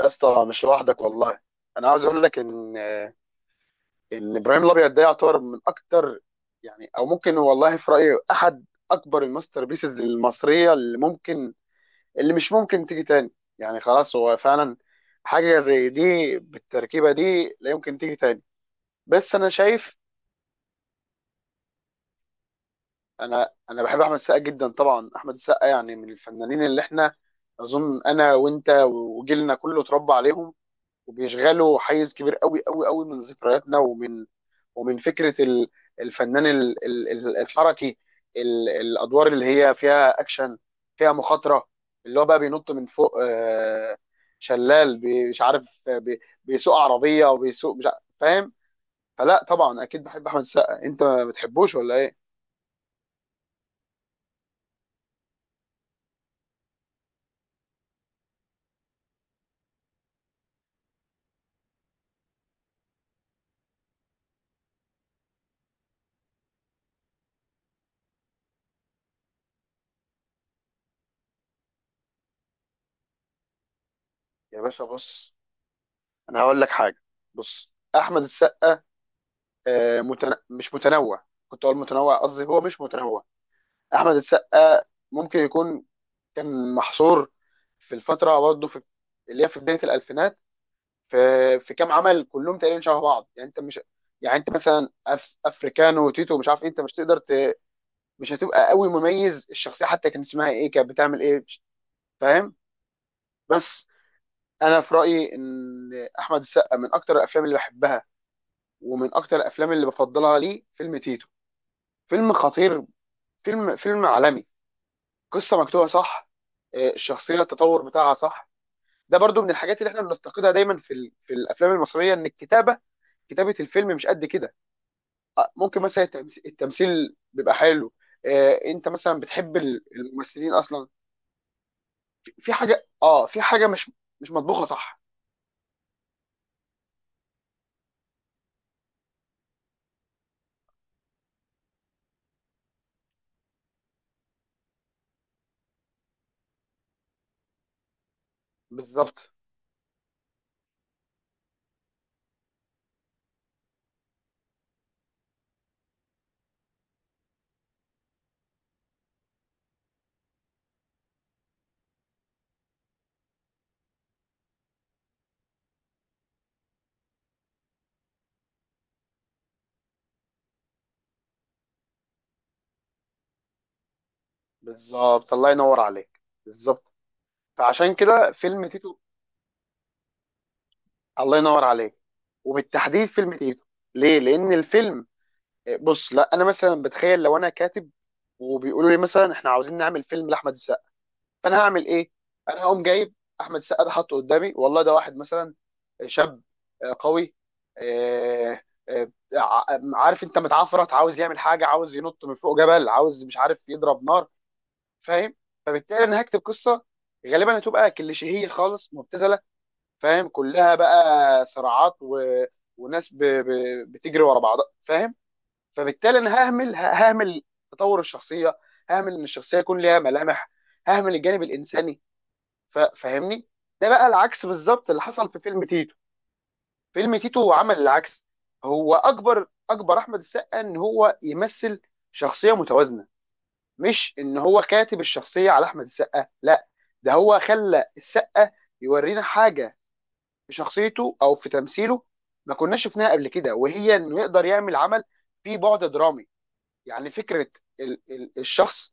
يا اسطى، مش لوحدك والله. انا عاوز اقول لك ان ابراهيم الابيض ده يعتبر من اكتر، يعني او ممكن والله في رايي احد اكبر الماستر بيسز المصريه اللي ممكن، اللي مش ممكن تيجي تاني. يعني خلاص، هو فعلا حاجه زي دي بالتركيبه دي لا يمكن تيجي تاني. بس انا شايف انا بحب احمد السقا جدا طبعا. احمد السقا يعني من الفنانين اللي احنا، اظن انا وانت وجيلنا كله، اتربى عليهم وبيشغلوا حيز كبير قوي قوي قوي من ذكرياتنا ومن فكره الفنان الحركي، الادوار اللي هي فيها اكشن، فيها مخاطره، اللي هو بقى بينط من فوق شلال، مش عارف، بيسوق عربيه وبيسوق مش عارف، فاهم؟ فلا طبعا اكيد بحب احمد السقا. انت ما بتحبوش ولا ايه؟ يا باشا بص، انا هقول لك حاجه. بص احمد السقا مش متنوع. كنت اقول متنوع، قصدي هو مش متنوع. احمد السقا ممكن يكون كان محصور في الفتره، برضه في، اللي هي في بدايه الالفينات، في في كام عمل كلهم تقريبا شبه بعض. يعني انت مش، يعني انت مثلا افريكانو وتيتو مش عارف ايه، انت مش تقدر ت...، مش هتبقى قوي مميز الشخصيه، حتى كان اسمها ايه كانت بتعمل ايه فاهم؟ بس انا في رايي ان احمد السقا من اكتر الافلام اللي بحبها ومن اكتر الافلام اللي بفضلها ليه فيلم تيتو. فيلم خطير، فيلم عالمي، قصه مكتوبه صح، الشخصيه التطور بتاعها صح. ده برضو من الحاجات اللي احنا بنفتقدها دايما في في الافلام المصريه، ان الكتابه، كتابه الفيلم، مش قد كده. ممكن مثلا التمثيل بيبقى حلو، انت مثلا بتحب الممثلين اصلا، في حاجه، اه في حاجه مش مش مطبوخه صح. بالظبط. بالظبط، الله ينور عليك، بالظبط. فعشان كده فيلم تيتو. الله ينور عليك، وبالتحديد فيلم تيتو. ليه؟ لان الفيلم بص، لا، انا مثلا بتخيل لو انا كاتب وبيقولوا لي مثلا احنا عاوزين نعمل فيلم لاحمد، انا هعمل ايه؟ انا هقوم جايب احمد السقا ده، حاطه قدامي والله، ده واحد مثلا شاب، قوي، آه، عارف انت، متعفرت، عاوز يعمل حاجه، عاوز ينط من فوق جبل، عاوز مش عارف يضرب نار، فاهم؟ فبالتالي انا هكتب قصه غالبا هتبقى كليشيهيه خالص مبتذله، فاهم؟ كلها بقى صراعات و...، وناس بتجري ورا بعضها، فاهم؟ فبالتالي انا ههمل تطور الشخصيه، ههمل ان الشخصيه يكون ليها ملامح، ههمل الجانب الانساني، فاهمني؟ ده بقى العكس بالظبط اللي حصل في فيلم تيتو. فيلم تيتو عمل العكس. هو اكبر اكبر احمد السقا ان هو يمثل شخصيه متوازنه، مش ان هو كاتب الشخصيه على احمد السقا، لا، ده هو خلى السقا يورينا حاجه في شخصيته او في تمثيله ما كناش شفناها قبل كده، وهي انه يقدر يعمل عمل فيه بعد درامي. يعني فكره ال الشخص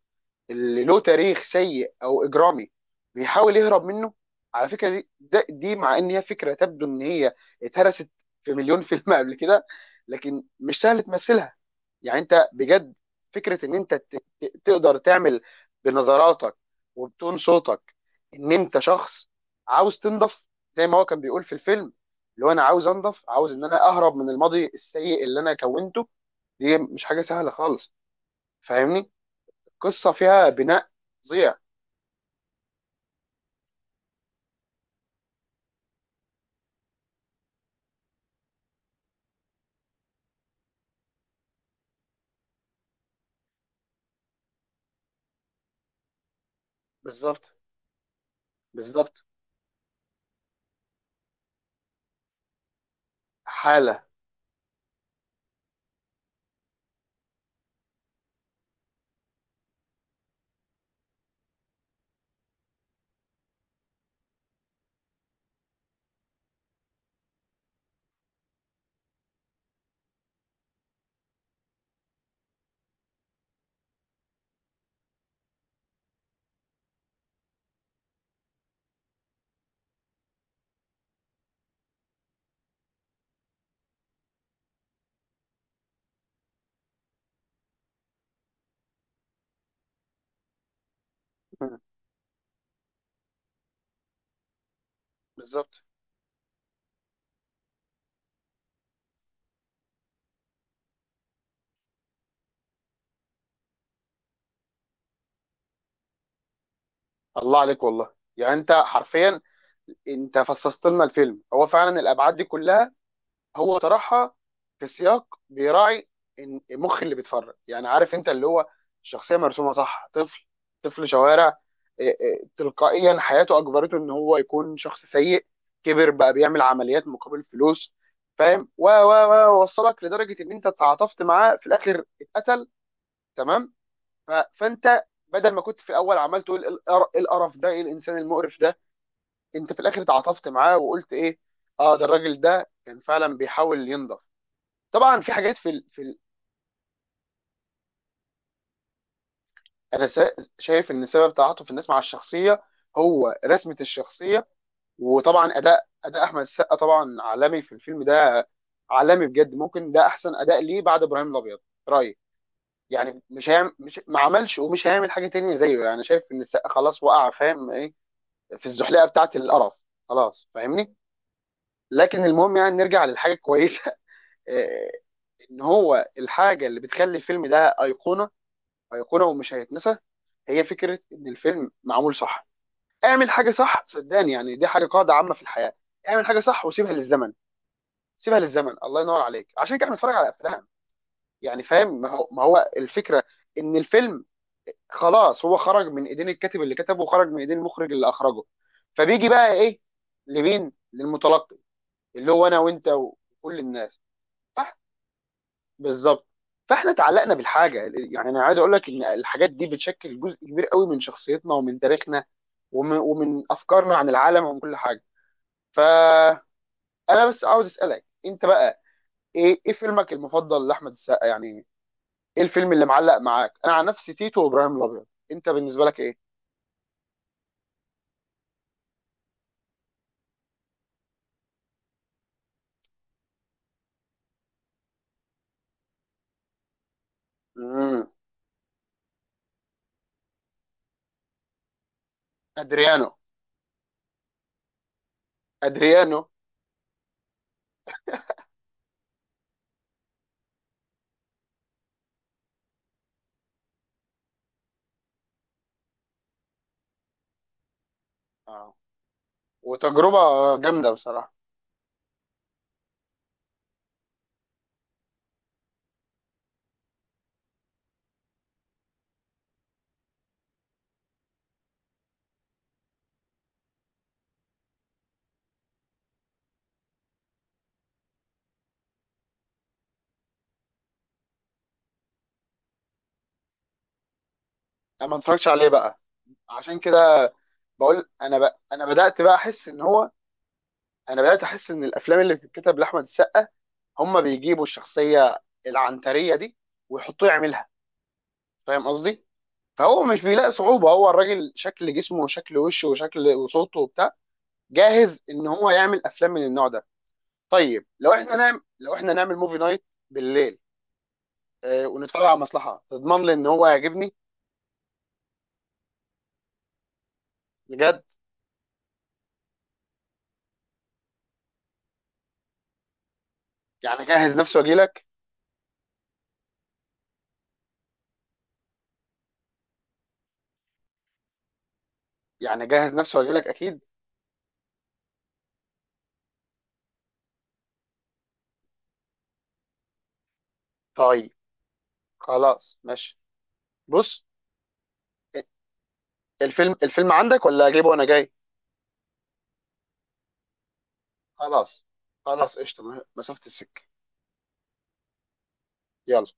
اللي له تاريخ سيء او اجرامي بيحاول يهرب منه. على فكره دي، دي مع ان هي فكره تبدو ان هي اتهرست في مليون فيلم قبل كده، لكن مش سهل تمثلها. يعني انت بجد، فكره ان انت تقدر تعمل بنظراتك وبتون صوتك ان انت شخص عاوز تنضف، زي ما هو كان بيقول في الفيلم، اللي هو انا عاوز انضف، عاوز ان انا اهرب من الماضي السيء اللي انا كونته. دي مش حاجه سهله خالص، فاهمني؟ القصه فيها بناء فظيع. بالظبط. بالظبط، حاله. مم. بالظبط، الله عليك والله. يعني انت حرفيا انت فصصت لنا الفيلم. هو فعلا الابعاد دي كلها هو طرحها في سياق بيراعي المخ اللي بيتفرج، يعني عارف انت اللي هو الشخصيه مرسومه صح، طفل، طفل شوارع، إيه إيه، تلقائيا حياته اجبرته ان هو يكون شخص سيء، كبر بقى بيعمل عمليات مقابل فلوس، فاهم؟ و وصلك لدرجه ان انت تعاطفت معاه في الاخر اتقتل. تمام؟ فانت بدل ما كنت في الاول عمال تقول إيه القرف ده، ايه الانسان المقرف ده، انت في الاخر اتعاطفت معاه وقلت ايه، اه ده الراجل ده كان فعلا بيحاول ينضف. طبعا في حاجات في في ال...، انا سا- شايف ان سبب تعاطف الناس مع الشخصيه هو رسمه الشخصيه. وطبعا اداء احمد السقا طبعا عالمي في الفيلم ده، عالمي بجد، ممكن ده احسن اداء ليه بعد ابراهيم الابيض، رايي. يعني مش هيعمل، مش ما عملش ومش هيعمل حاجه تانية زيه، يعني شايف ان السقا خلاص وقع، فاهم ايه، في الزحليقه بتاعه القرف، خلاص، فاهمني؟ لكن المهم، يعني نرجع للحاجه الكويسه آه، ان هو الحاجه اللي بتخلي الفيلم ده ايقونه، ايقونه ومش هيتنسى، هي فكره ان الفيلم معمول صح. اعمل حاجه صح، صدقني، يعني دي حاجه قاعده عامه في الحياه، اعمل حاجه صح وسيبها للزمن. سيبها للزمن، الله ينور عليك، عشان كده بنتفرج على افلام. يعني فاهم، ما هو الفكره ان الفيلم خلاص هو خرج من ايدين الكاتب اللي كتبه وخرج من ايدين المخرج اللي اخرجه، فبيجي بقى ايه، لمين؟ للمتلقي، اللي هو انا وانت وكل الناس. صح، بالظبط. فاحنا اتعلقنا بالحاجه، يعني انا عايز اقول لك ان الحاجات دي بتشكل جزء كبير قوي من شخصيتنا ومن تاريخنا ومن افكارنا عن العالم ومن كل حاجه. فانا بس عاوز اسالك انت بقى، ايه فيلمك المفضل لاحمد السقا؟ يعني ايه الفيلم اللي معلق معاك؟ انا عن نفسي تيتو وابراهيم الابيض، انت بالنسبه لك ايه؟ امم، ادريانو، ادريانو. اه، وتجربه جامده بصراحه. انا ما اتفرجتش عليه بقى، عشان كده بقول انا انا بدات بقى احس ان هو، انا بدات احس ان الافلام اللي بتتكتب لاحمد السقا، هم بيجيبوا الشخصيه العنتريه دي ويحطوه يعملها، فاهم قصدي؟ فهو مش بيلاقي صعوبه، هو الراجل شكل جسمه وشكل وشه وشكل وصوته وبتاع، جاهز ان هو يعمل افلام من النوع ده. طيب لو احنا نعمل، لو احنا نعمل موفي نايت بالليل، آه، ونتفرج على مصلحه تضمن لي ان هو يعجبني بجد؟ يعني جهز نفسه واجي لك. يعني جهز نفسه واجي لك اكيد. طيب خلاص، ماشي. بص، الفيلم عندك ولا اجيبه وانا جاي؟ خلاص، خلاص، قشطه، مسافه السكه، يلا.